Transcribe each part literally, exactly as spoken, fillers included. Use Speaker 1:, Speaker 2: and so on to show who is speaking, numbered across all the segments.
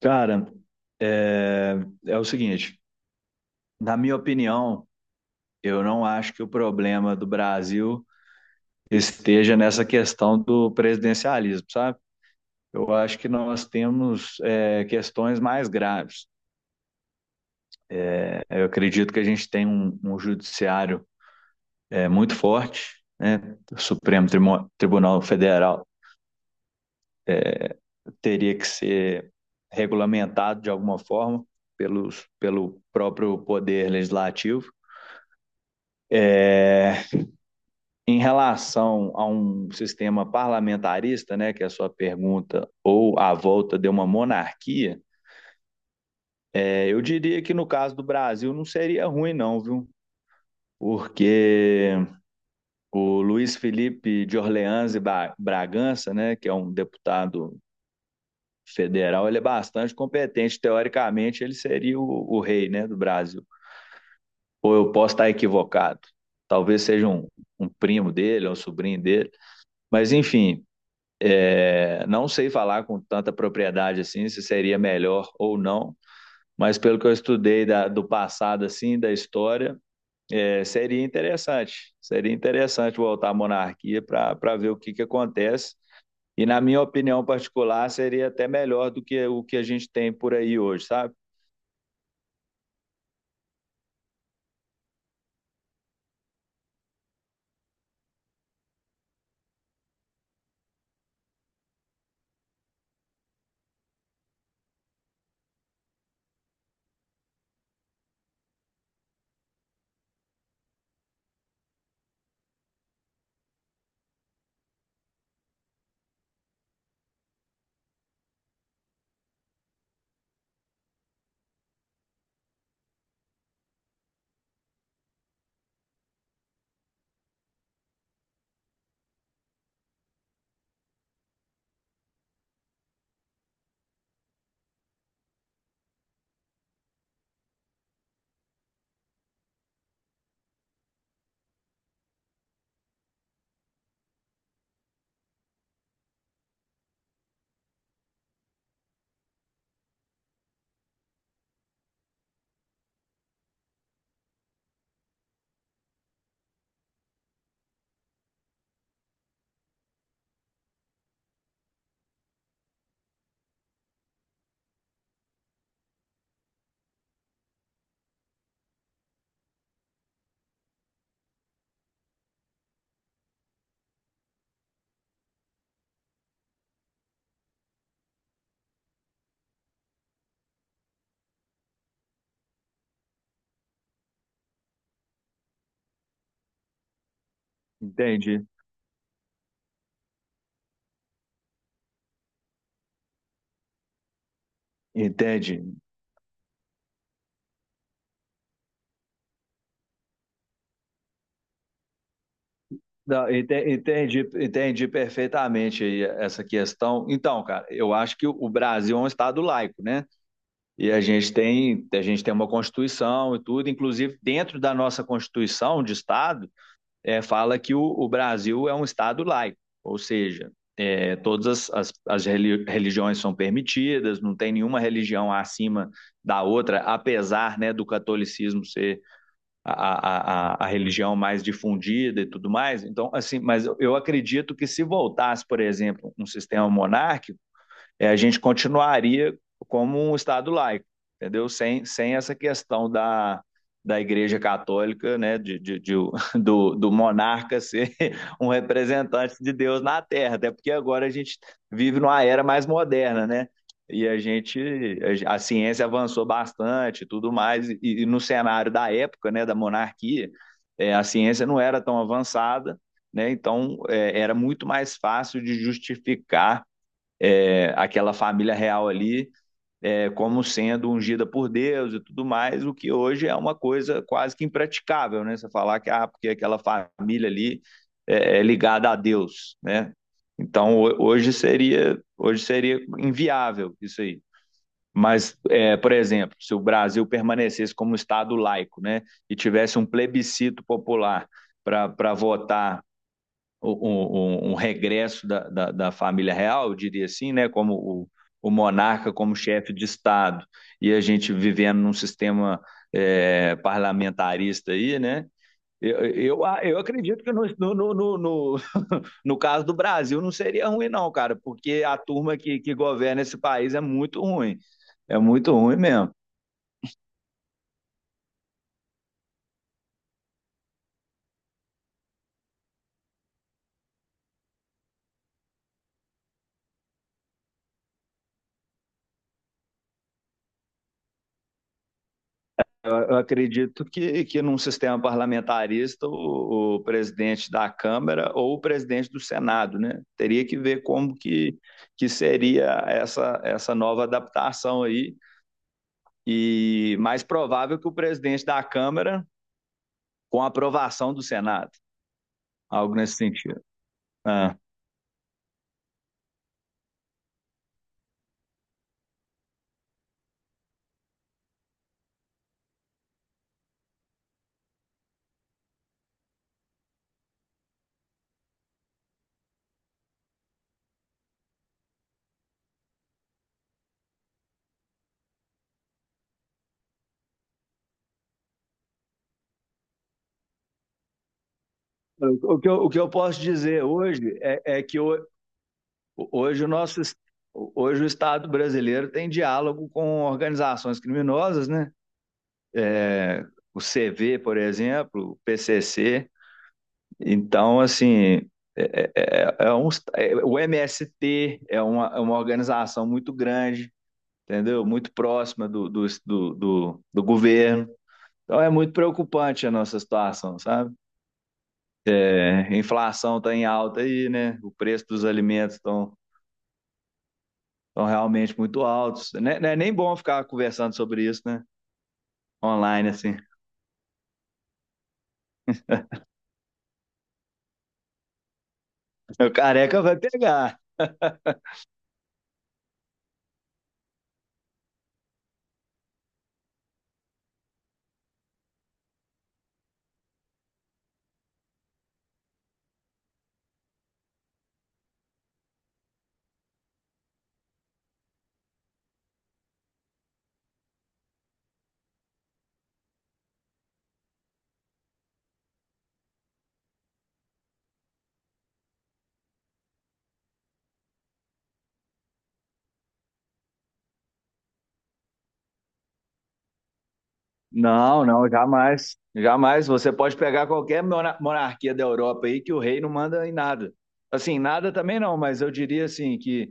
Speaker 1: Cara, é, é o seguinte, na minha opinião, eu não acho que o problema do Brasil esteja nessa questão do presidencialismo, sabe? Eu acho que nós temos é, questões mais graves. Eu acredito que a gente tem um, um judiciário é, muito forte, né? O Supremo Trimo- Tribunal Federal teria que ser regulamentado de alguma forma pelos, pelo próprio poder legislativo. É, em relação a um sistema parlamentarista, né, que é a sua pergunta, ou à volta de uma monarquia, é, eu diria que no caso do Brasil não seria ruim, não, viu? Porque o Luiz Felipe de Orleans e Bragança, né, que é um deputado federal, ele é bastante competente. Teoricamente, ele seria o, o rei, né, do Brasil. Ou eu posso estar equivocado. Talvez seja um, um primo dele, um sobrinho dele. Mas, enfim, É, não sei falar com tanta propriedade assim se seria melhor ou não, mas pelo que eu estudei da, do passado assim, da história, é, seria interessante. Seria interessante voltar à monarquia para ver o que, que acontece. E na minha opinião particular, seria até melhor do que o que a gente tem por aí hoje, sabe? Entendi. Entendi. Não, ente- entendi, entendi perfeitamente aí essa questão. Então, cara, eu acho que o Brasil é um estado laico, né? E a gente tem, a gente tem uma Constituição e tudo, inclusive dentro da nossa Constituição de Estado, é, fala que o, o Brasil é um Estado laico, ou seja, é, todas as, as, religiões são permitidas, não tem nenhuma religião acima da outra, apesar né, do catolicismo ser a, a, a, religião mais difundida e tudo mais. Então, assim, mas eu acredito que se voltasse, por exemplo, um sistema monárquico, é, a gente continuaria como um Estado laico, entendeu? Sem, sem essa questão da, da Igreja Católica, né, de, de, de- do, do monarca ser um representante de Deus na Terra, até porque agora a gente vive numa era mais moderna, né? E a gente, a ciência avançou bastante, tudo mais, e, e no cenário da época, né, da monarquia, eh, a ciência não era tão avançada, né? Então, eh, era muito mais fácil de justificar é, aquela família real ali é, como sendo ungida por Deus e tudo mais, o que hoje é uma coisa quase que impraticável, né? Você falar que ah, porque aquela família ali é, é ligada a Deus, né? Então hoje seria hoje seria inviável isso aí. Mas, é, por exemplo, se o Brasil permanecesse como Estado laico, né, e tivesse um plebiscito popular para votar um, um um, um regresso da, da, da, família real, eu diria assim, né, como o, o monarca como chefe de Estado, e a gente vivendo num sistema é, parlamentarista aí, né? Eu, eu, eu acredito que no, no, no, no, no caso do Brasil não seria ruim, não, cara, porque a turma que, que governa esse país é muito ruim. É muito ruim mesmo. Eu acredito que, que num sistema parlamentarista, o, o presidente da Câmara ou o presidente do Senado, né? Teria que ver como que, que seria essa, essa nova adaptação aí. E mais provável que o presidente da Câmara com a aprovação do Senado, algo nesse sentido. Ah. O, que eu, o que eu posso dizer hoje é, é que o, hoje o nosso hoje o Estado brasileiro tem diálogo com organizações criminosas, né? É, o C V, por exemplo, o P C C. Então, assim, é, é, é é um, é, o M S T é uma, é uma organização muito grande, entendeu? Muito próxima do, do, do, do, do governo. Então é muito preocupante a nossa situação, sabe? É, a inflação está em alta aí, né? O preço dos alimentos estão estão realmente muito altos. Não é, não é nem bom ficar conversando sobre isso, né? Online, assim. O careca vai pegar. Não, não, jamais. Jamais. Você pode pegar qualquer mona- monarquia da Europa aí que o rei não manda em nada. Assim, nada também não, mas eu diria assim que,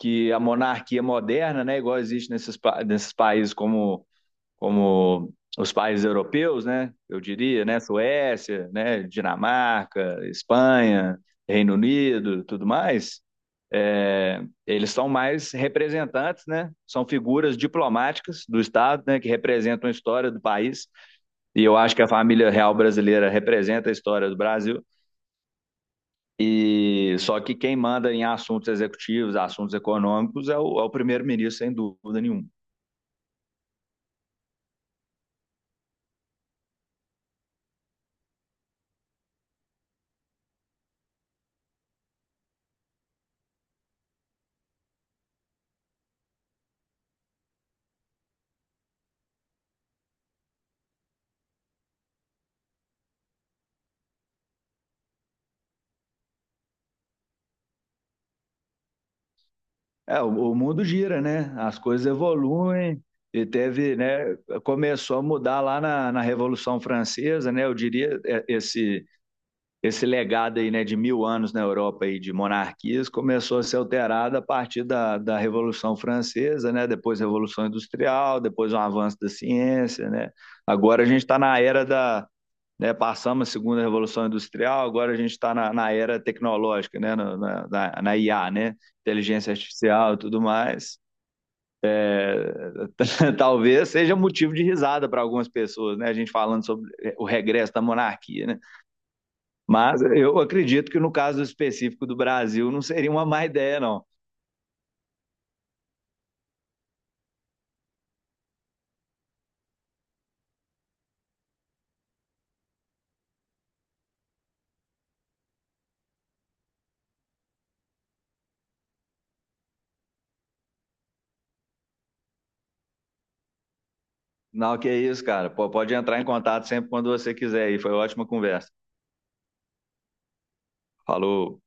Speaker 1: que a monarquia moderna, né, igual existe nesses, pa- nesses países como como os países europeus, né? Eu diria, né? Suécia, né? Dinamarca, Espanha, Reino Unido, tudo mais. É, eles são mais representantes, né? São figuras diplomáticas do Estado, né? Que representam a história do país. E eu acho que a família real brasileira representa a história do Brasil. E só que quem manda em assuntos executivos, assuntos econômicos, é o, é o primeiro-ministro, sem dúvida nenhuma. É, o, o mundo gira, né? As coisas evoluem e teve, né? Começou a mudar lá na, na Revolução Francesa, né? Eu diria é, esse esse legado aí, né, de mil anos na Europa aí de monarquias começou a ser alterado a partir da, da Revolução Francesa, né? Depois a Revolução Industrial, depois um avanço da ciência, né? Agora a gente está na era da né, passamos a segunda revolução industrial, agora a gente está na, na, era tecnológica, né, na, na, na, I A, né, inteligência artificial e tudo mais. Talvez seja motivo de risada para algumas pessoas, né, a gente falando sobre o regresso da monarquia, né. Mas eu acredito que no caso específico do Brasil não seria uma má ideia, não. Não, que é isso, cara. Pô, pode entrar em contato sempre quando você quiser. E foi uma ótima conversa. Falou.